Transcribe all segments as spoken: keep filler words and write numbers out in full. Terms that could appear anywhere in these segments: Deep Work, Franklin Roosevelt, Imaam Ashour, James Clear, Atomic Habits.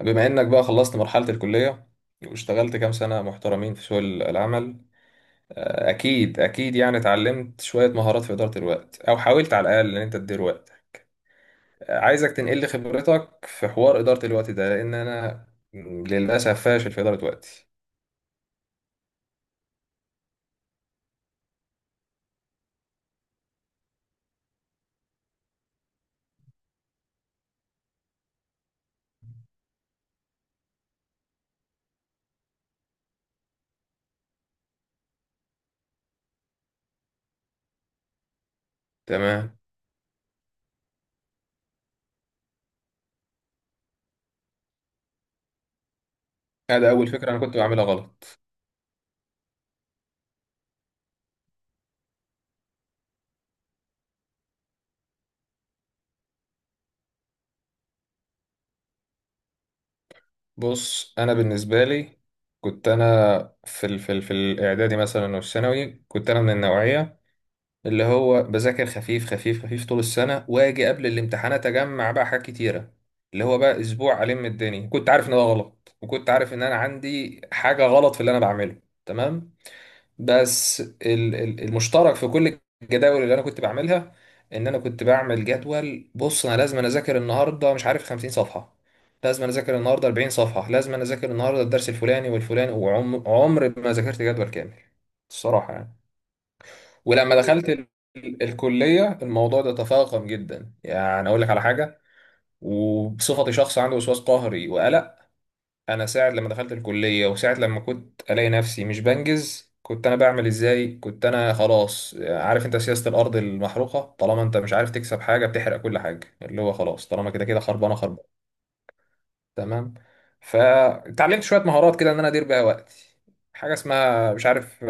بما انك بقى خلصت مرحلة الكلية، واشتغلت كام سنة محترمين في سوق ال- العمل. آه، اكيد اكيد، يعني اتعلمت شوية مهارات في إدارة الوقت، او حاولت على الاقل ان انت تدير وقت. آه، عايزك تنقل لي خبرتك في حوار إدارة الوقت ده، لان انا للاسف فاشل في إدارة وقتي. تمام. هذا اول فكرة انا كنت بعملها غلط. بص انا بالنسبة لي كنت انا في ال في ال في الاعدادي مثلا والثانوي، كنت انا من النوعية اللي هو بذاكر خفيف خفيف خفيف طول السنة، واجي قبل الامتحانات اجمع بقى حاجات كتيرة، اللي هو بقى اسبوع الم الدنيا. كنت عارف ان ده غلط، وكنت عارف ان انا عندي حاجة غلط في اللي انا بعمله. تمام. بس ال- ال- المشترك في كل الجداول اللي انا كنت بعملها، ان انا كنت بعمل جدول. بص انا لازم أنا اذاكر النهارده مش عارف خمسين صفحة، لازم أنا اذاكر النهارده اربعين صفحة، لازم أنا اذاكر النهارده الدرس الفلاني والفلاني، وعمر ما ذاكرت جدول كامل الصراحة يعني. ولما دخلت ال- ال- الكلية الموضوع ده تفاقم جدا. يعني أقول لك على حاجة، وبصفتي شخص عنده وسواس قهري وقلق، أنا ساعة لما دخلت الكلية، وساعة لما كنت ألاقي نفسي مش بنجز، كنت أنا بعمل إزاي؟ كنت أنا خلاص عارف أنت، سياسة الأرض المحروقة، طالما أنت مش عارف تكسب حاجة بتحرق كل حاجة، اللي هو خلاص طالما كده كده خربانة خربانة. تمام. فتعلمت شويه مهارات كده ان انا ادير بيها وقتي. حاجه اسمها مش عارف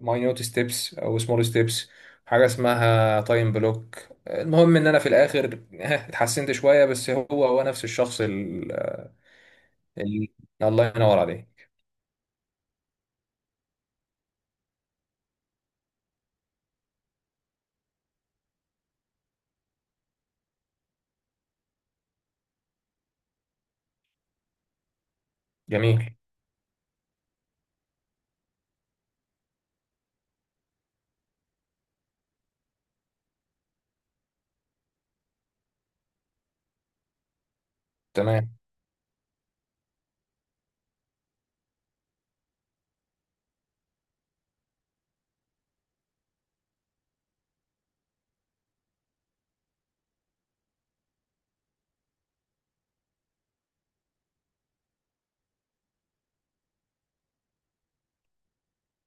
ماينوت ستيبس او سمول ستيبس، حاجه اسمها تايم بلوك. المهم ان انا في الاخر ها، اتحسنت شويه، بس هو هو نفس الشخص ال... ال... الله ينور عليك. جميل. تمام.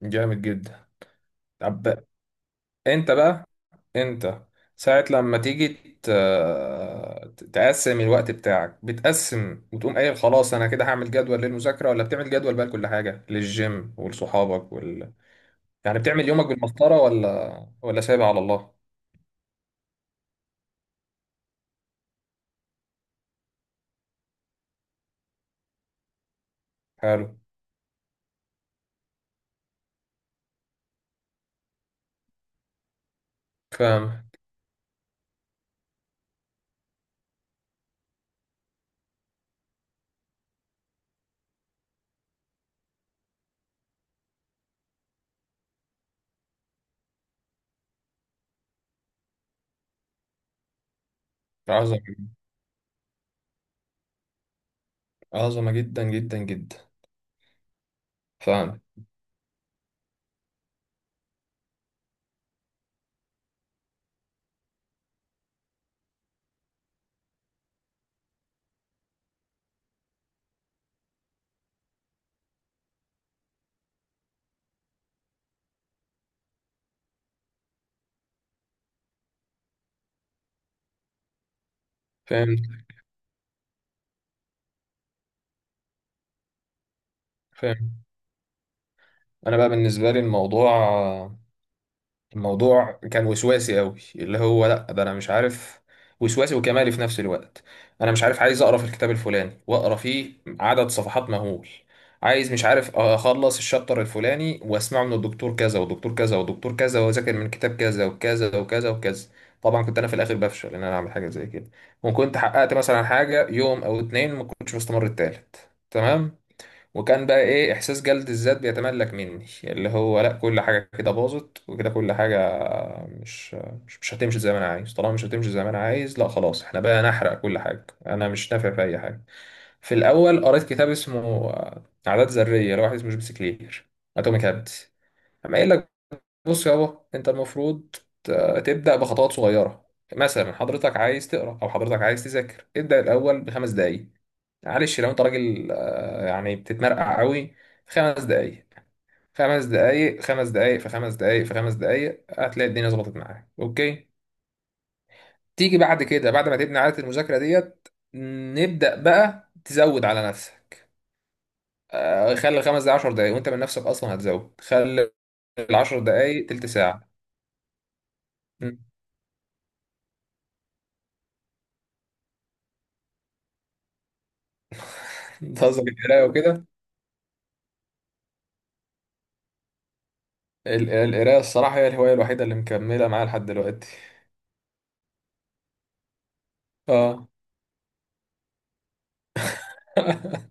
جامد جدا. طب انت بقى، انت ساعة لما تيجي ت- ت- تقسم الوقت بتاعك، بتقسم وتقوم قايل خلاص انا كده هعمل جدول للمذاكرة، ولا بتعمل جدول بقى لكل حاجة، للجيم ولصحابك وال...، يعني بتعمل يومك بالمسطرة ولا ولا سايبها على الله؟ حلو. فاهم. عظمة جدا. عظمة جدا جدا جدا. فاهم. فاهم. فاهم. انا بقى بالنسبة لي الموضوع الموضوع كان وسواسي قوي، اللي هو لا ده انا مش عارف، وسواسي وكمالي في نفس الوقت. انا مش عارف عايز اقرا في الكتاب الفلاني واقرا فيه عدد صفحات مهول، عايز مش عارف اخلص الشابتر الفلاني واسمعه من الدكتور كذا ودكتور كذا ودكتور كذا، واذاكر من كتاب كذا وكذا وكذا وكذا. طبعا كنت انا في الاخر بفشل ان انا اعمل حاجه زي كده، وكنت حققت مثلا حاجه يوم او اتنين، ما كنتش مستمر التالت. تمام. وكان بقى ايه، احساس جلد الذات بيتملك مني، اللي هو لا كل حاجه كده باظت، وكده كل حاجه مش مش مش هتمشي زي ما انا عايز، طالما مش هتمشي زي ما انا عايز، لا خلاص احنا بقى نحرق كل حاجه، انا مش نافع في اي حاجه. في الاول قريت كتاب اسمه آه، عادات ذريه، لواحد اسمه جيمس كلير، اتوميك هابتس. اما قايل لك بص يابا انت المفروض ت- تبدا بخطوات صغيره. مثلا حضرتك عايز تقرا او حضرتك عايز تذاكر، ابدا الاول بخمس دقائق. معلش لو انت راجل، آه، يعني بتتمرقع قوي في خمس دقايق، خمس دقايق خمس دقايق في خمس دقايق في خمس دقايق هتلاقي الدنيا ظبطت معاك. اوكي، تيجي بعد كده، بعد ما تبني عادة المذاكرة ديت، نبدأ بقى تزود على نفسك. آه، خلي الخمس دقايق عشر دقايق، وانت من نفسك اصلا هتزود، خلي العشر دقايق تلت ساعة. مم. بتهزر القراية وكده. ال- القراية الصراحة هي الهواية الوحيدة اللي مكملة معايا لحد دلوقتي. اه.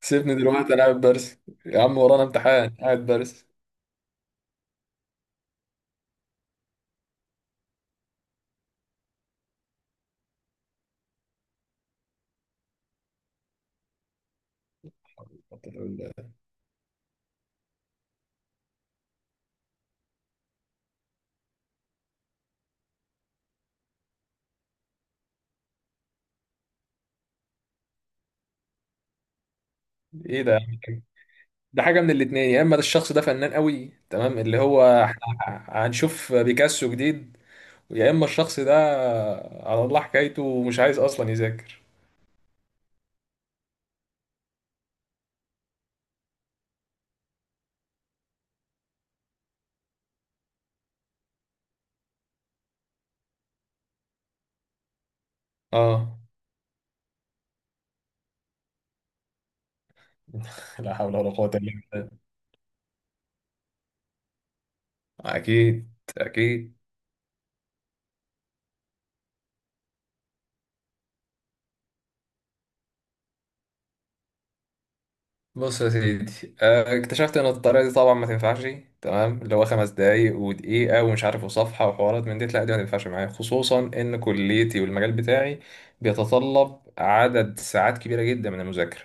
سيبني دلوقتي انا قاعد برسم، يا عم ورانا امتحان قاعد برسم. طب ال-، ايه ده يا عم كده؟ ده حاجه من الاتنين، يا اما ده الشخص ده فنان قوي، تمام، اللي هو احنا هنشوف بيكاسو جديد، يا اما الشخص ده على الله حكايته ومش عايز اصلا يذاكر. اه. لا حول ولا قوه الا بالله. اكيد، اكيد. بص يا سيدي، آه، اكتشفت ان الطريقه دي طبعا ما تنفعش. تمام. اللي هو خمس دقايق ودقيقه ومش عارف وصفحه وحوارات من دي، لا دي ما تنفعش معايا، خصوصا ان كليتي والمجال بتاعي بيتطلب عدد ساعات كبيره جدا من المذاكره.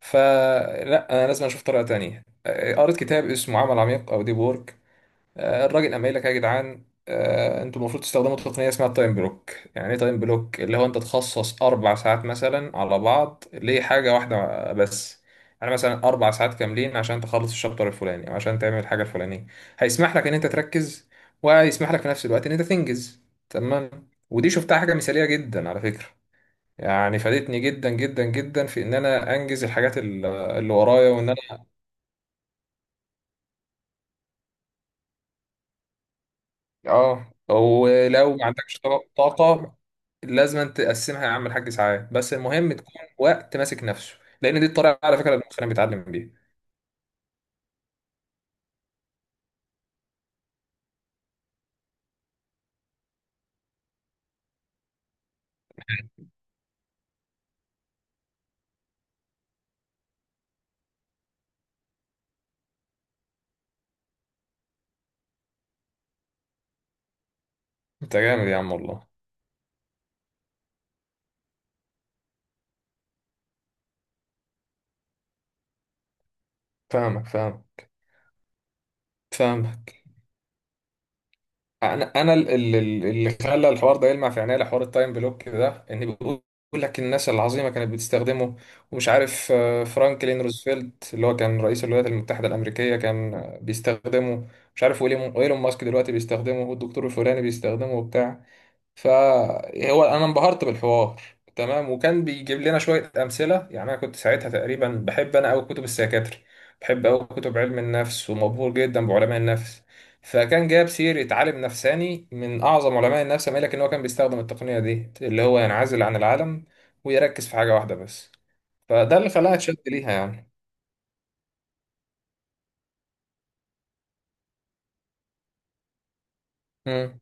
فلا انا لازم اشوف طريقه تانية. آه، قريت كتاب اسمه عمل عميق او ديب وورك. الراجل قام قايل لك يا جدعان، آه، انتوا المفروض تستخدموا تقنيه اسمها التايم بلوك. يعني ايه تايم بلوك؟ اللي هو انت تخصص اربع ساعات مثلا على بعض لحاجه واحده بس. يعني مثلا اربع ساعات كاملين عشان تخلص الشابتر الفلاني، او عشان تعمل الحاجه الفلانيه. هيسمح لك ان انت تركز، وهيسمح لك في نفس الوقت ان انت تنجز. تمام. ودي شفتها حاجه مثاليه جدا على فكره، يعني فادتني جدا جدا جدا في ان انا انجز الحاجات ال- اللي ورايا، وان انا اه. ولو ما عندكش طاقه طاقة، لازم تقسمها يا عم الحاج ساعات، بس المهم تكون وقت ماسك نفسه، لان دي الطريقه على فكره اللي المخنا بيتعلم بيها. انت جامد يا عم والله. فاهمك، فاهمك، فاهمك. انا انا ال- ال- ال- اللي خلى الحوار ده يلمع في عينيا، حوار التايم بلوك ده، ان بيقول لك الناس العظيمه كانت بتستخدمه، ومش عارف آه، فرانكلين روزفلت اللي هو كان رئيس الولايات المتحده الامريكيه كان آه، بيستخدمه، مش عارف ويليام- وايلون ماسك دلوقتي بيستخدمه، والدكتور الفلاني بيستخدمه وبتاع. فهو انا انبهرت بالحوار. تمام. وكان بيجيب لنا شويه امثله. يعني انا كنت ساعتها تقريبا بحب انا قوي كتب السيكاتري، بحب قوي كتب علم النفس، ومبهور جدا بعلماء النفس. فكان جاب سيره عالم نفساني من اعظم علماء النفس، ما لكن هو كان بيستخدم التقنيه دي، اللي هو ينعزل عن العالم ويركز في حاجه واحده بس. فده اللي خلاها اتشد ليها يعني. مم.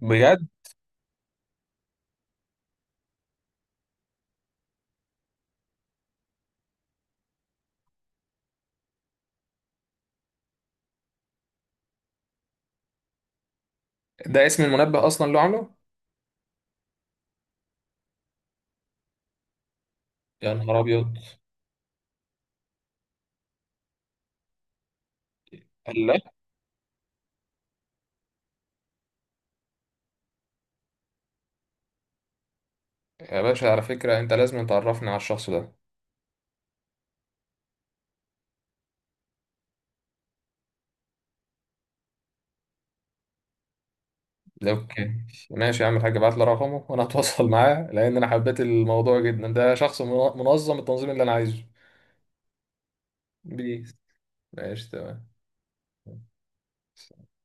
بجد؟ ده اسم المنبه اصلا اللي عامله؟ يا نهار ابيض. قال لا. يا باشا على فكره انت لازم تعرفني على الشخص ده. اوكي، ماشي يا عم الحاج، ابعت لي رقمه وانا هتواصل معاه، لان انا حبيت الموضوع جدا، ده شخص من- منظم التنظيم اللي انا عايزه. بيس، ماشي، تمام.